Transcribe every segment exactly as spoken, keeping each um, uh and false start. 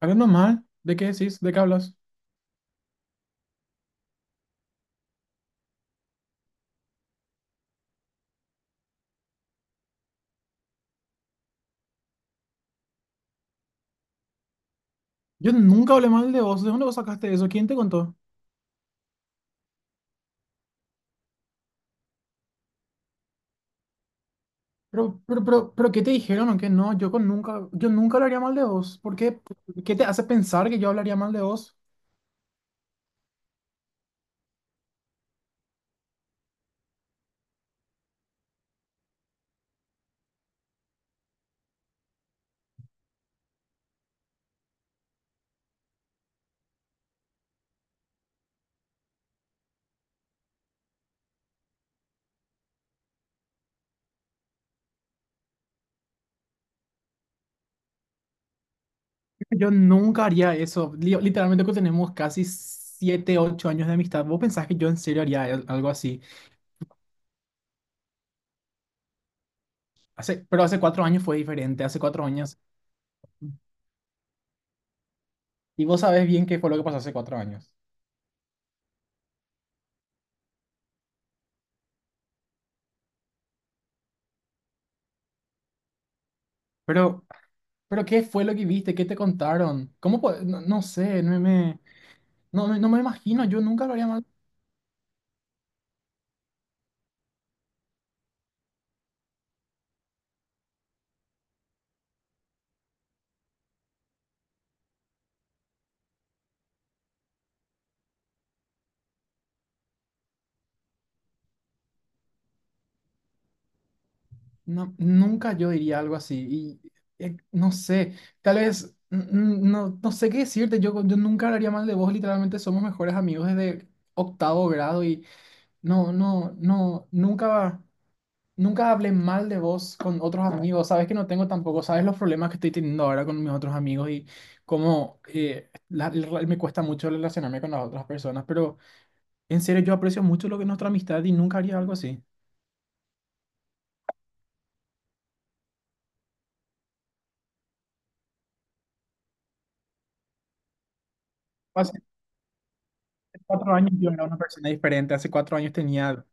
Hablando mal, ¿de qué decís? ¿De qué hablas? Yo nunca hablé mal de vos. ¿De dónde vos sacaste eso? ¿Quién te contó? Pero, pero, pero, pero ¿qué te dijeron o qué no? Yo con nunca, yo nunca hablaría mal de vos. ¿Por qué? ¿Qué te hace pensar que yo hablaría mal de vos? Yo nunca haría eso. Li- Literalmente que tenemos casi siete, ocho años de amistad. ¿Vos pensás que yo en serio haría al- algo así? Hace, pero hace cuatro años fue diferente. Hace cuatro años. Y vos sabés bien qué fue lo que pasó hace cuatro años. Pero, pero ¿qué fue lo que viste? ¿Qué te contaron? ¿Cómo? po- No, no sé, no me... No, me- no me imagino, yo nunca lo haría mal. No, nunca yo diría algo así. Y eh, no sé, tal vez, n- n- no, no sé qué decirte. Yo, yo nunca hablaría mal de vos. Literalmente somos mejores amigos desde octavo grado y no, no, no, nunca, nunca hablé mal de vos con otros amigos. Sabes que no tengo tampoco, sabes los problemas que estoy teniendo ahora con mis otros amigos y cómo eh, la- la- me cuesta mucho relacionarme con las otras personas. Pero en serio, yo aprecio mucho lo que es nuestra amistad y nunca haría algo así. cuatro años yo era una persona diferente, hace cuatro años tenía.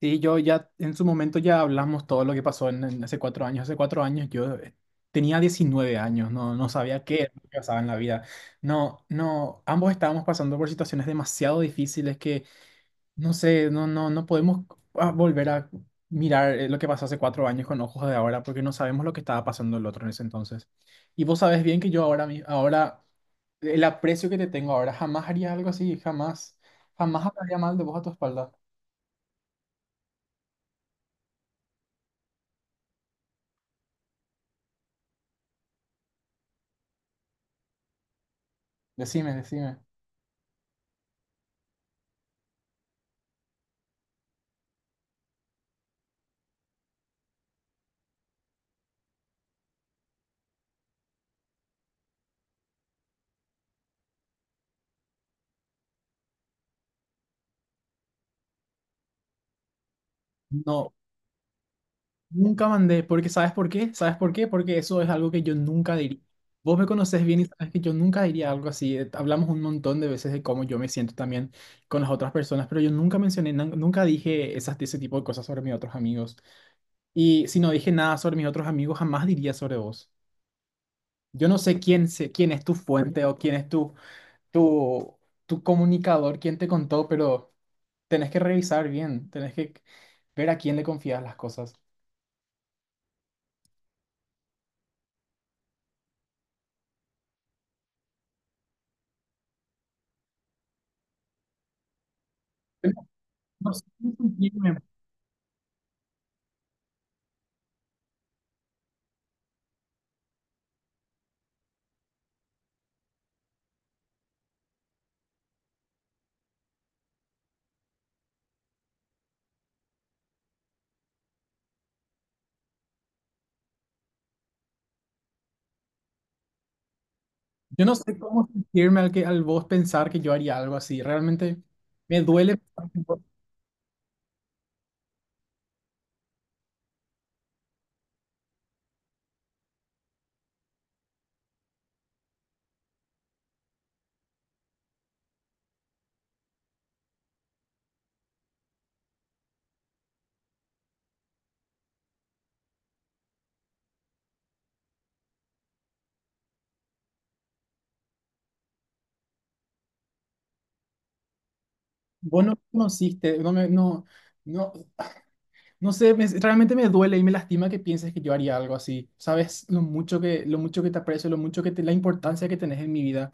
Sí, yo ya en su momento ya hablamos todo lo que pasó en, en hace cuatro años, hace cuatro años yo eh, tenía diecinueve años, no, no sabía qué era lo que pasaba en la vida. No, no, ambos estábamos pasando por situaciones demasiado difíciles que, no sé, no, no, no podemos ah, volver a mirar eh, lo que pasó hace cuatro años con ojos de ahora porque no sabemos lo que estaba pasando el otro en ese entonces. Y vos sabés bien que yo ahora, mi- ahora el aprecio que te tengo ahora, jamás haría algo así, jamás, jamás hablaría mal de vos a tu espalda. Decime, decime. No, nunca mandé, porque ¿sabes por qué? ¿Sabes por qué? Porque eso es algo que yo nunca diría. Vos me conocés bien y sabes que yo nunca diría algo así. Eh, Hablamos un montón de veces de cómo yo me siento también con las otras personas, pero yo nunca mencioné, nan- nunca dije esas, ese tipo de cosas sobre mis otros amigos. Y si no dije nada sobre mis otros amigos, jamás diría sobre vos. Yo no sé quién, se- quién es tu fuente o quién es tu tu, tu comunicador, quién te contó, pero tenés que revisar bien, tenés que ver a quién le confías las cosas. Yo no no sé cómo sentirme, yo no sé cómo sentirme al, que, al vos pensar que yo haría algo así. Realmente me duele. pensar que Vos vos no me conociste, no, me- no, no, no sé, me- realmente me duele y me lastima que pienses que yo haría algo así. Sabes lo mucho que, lo mucho que te aprecio, lo mucho que te, la importancia que tenés en mi vida.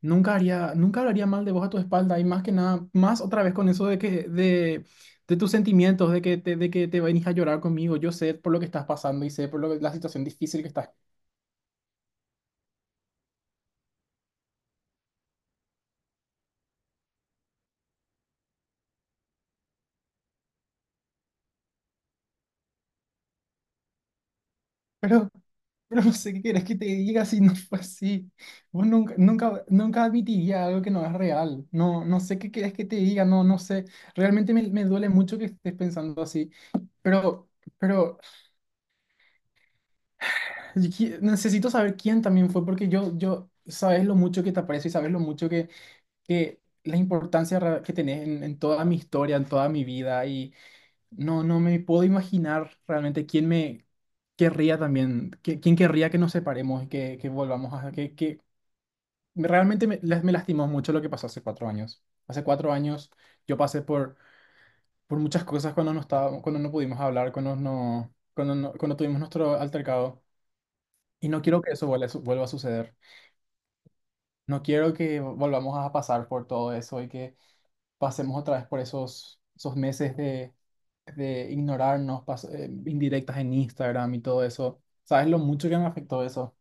Nunca haría, nunca hablaría mal de vos a tu espalda y más que nada, más otra vez con eso de que de, de tus sentimientos, de que te, de que te venís a llorar conmigo. Yo sé por lo que estás pasando y sé por lo que- la situación difícil que estás. Pero Pero no sé qué quieres que te diga si no fue así. Vos nunca, nunca, nunca admitiría algo que no es real. No, no sé qué quieres que te diga, no, no sé. Realmente me, me duele mucho que estés pensando así. Pero, pero yo qui- necesito saber quién también fue, porque yo, yo, sabes lo mucho que, te aprecio y sabes lo mucho que, que la importancia ra- que tenés en, en toda mi historia, en toda mi vida. Y no, no me puedo imaginar realmente quién me querría también, que- quién querría que nos separemos y que, que volvamos a, que, que realmente me, las- me lastimó mucho lo que pasó hace cuatro años. Hace cuatro años yo pasé por, por muchas cosas cuando no estaba, cuando no pudimos hablar, cuando no, cuando no- cuando tuvimos nuestro altercado. Y no quiero que eso vuelva, a su- vuelva a suceder. No quiero que volvamos a pasar por todo eso y que pasemos otra vez por esos, esos meses de, de ignorarnos, pas- eh, indirectas en Instagram y todo eso. ¿Sabes lo mucho que me afectó eso?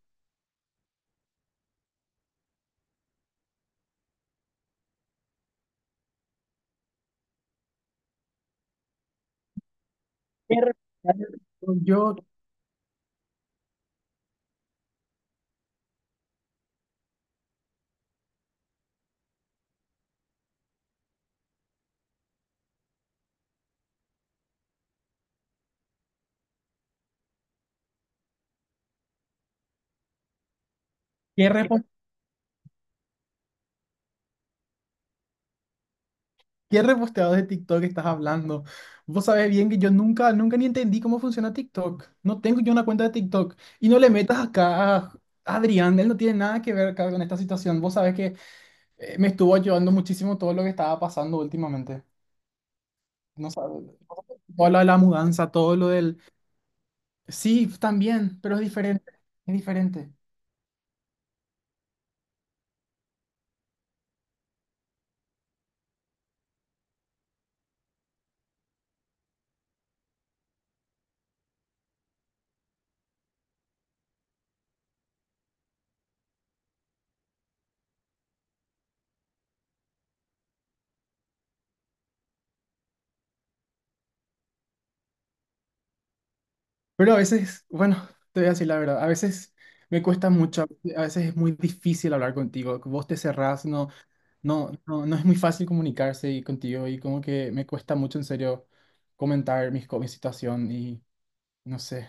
¿Qué re- Yo, qué ¿Qué reposteado de TikTok estás hablando? Vos sabés bien que yo nunca, nunca ni entendí cómo funciona TikTok. No tengo yo una cuenta de TikTok. Y no le metas acá a Adrián, él no tiene nada que ver acá con esta situación. Vos sabés que eh, me estuvo ayudando muchísimo todo lo que estaba pasando últimamente. No sabes, todo lo de la mudanza, todo lo del... Sí, también, pero es diferente, es diferente. Pero a veces, bueno, te voy a decir la verdad, a veces me cuesta mucho, a veces es muy difícil hablar contigo, vos te cerrás, no. No, no, no es muy fácil comunicarse y contigo y como que me cuesta mucho en serio comentar mis, co- mi situación y no sé.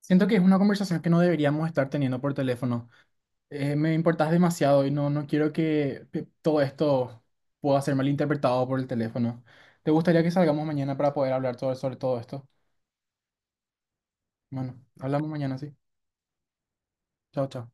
Siento que es una conversación que no deberíamos estar teniendo por teléfono. Eh, me importas demasiado y no, no quiero que pe- todo esto pueda ser malinterpretado por el teléfono. ¿Te gustaría que salgamos mañana para poder hablar todo- sobre todo esto? Bueno, hablamos mañana, sí. Chao, chao.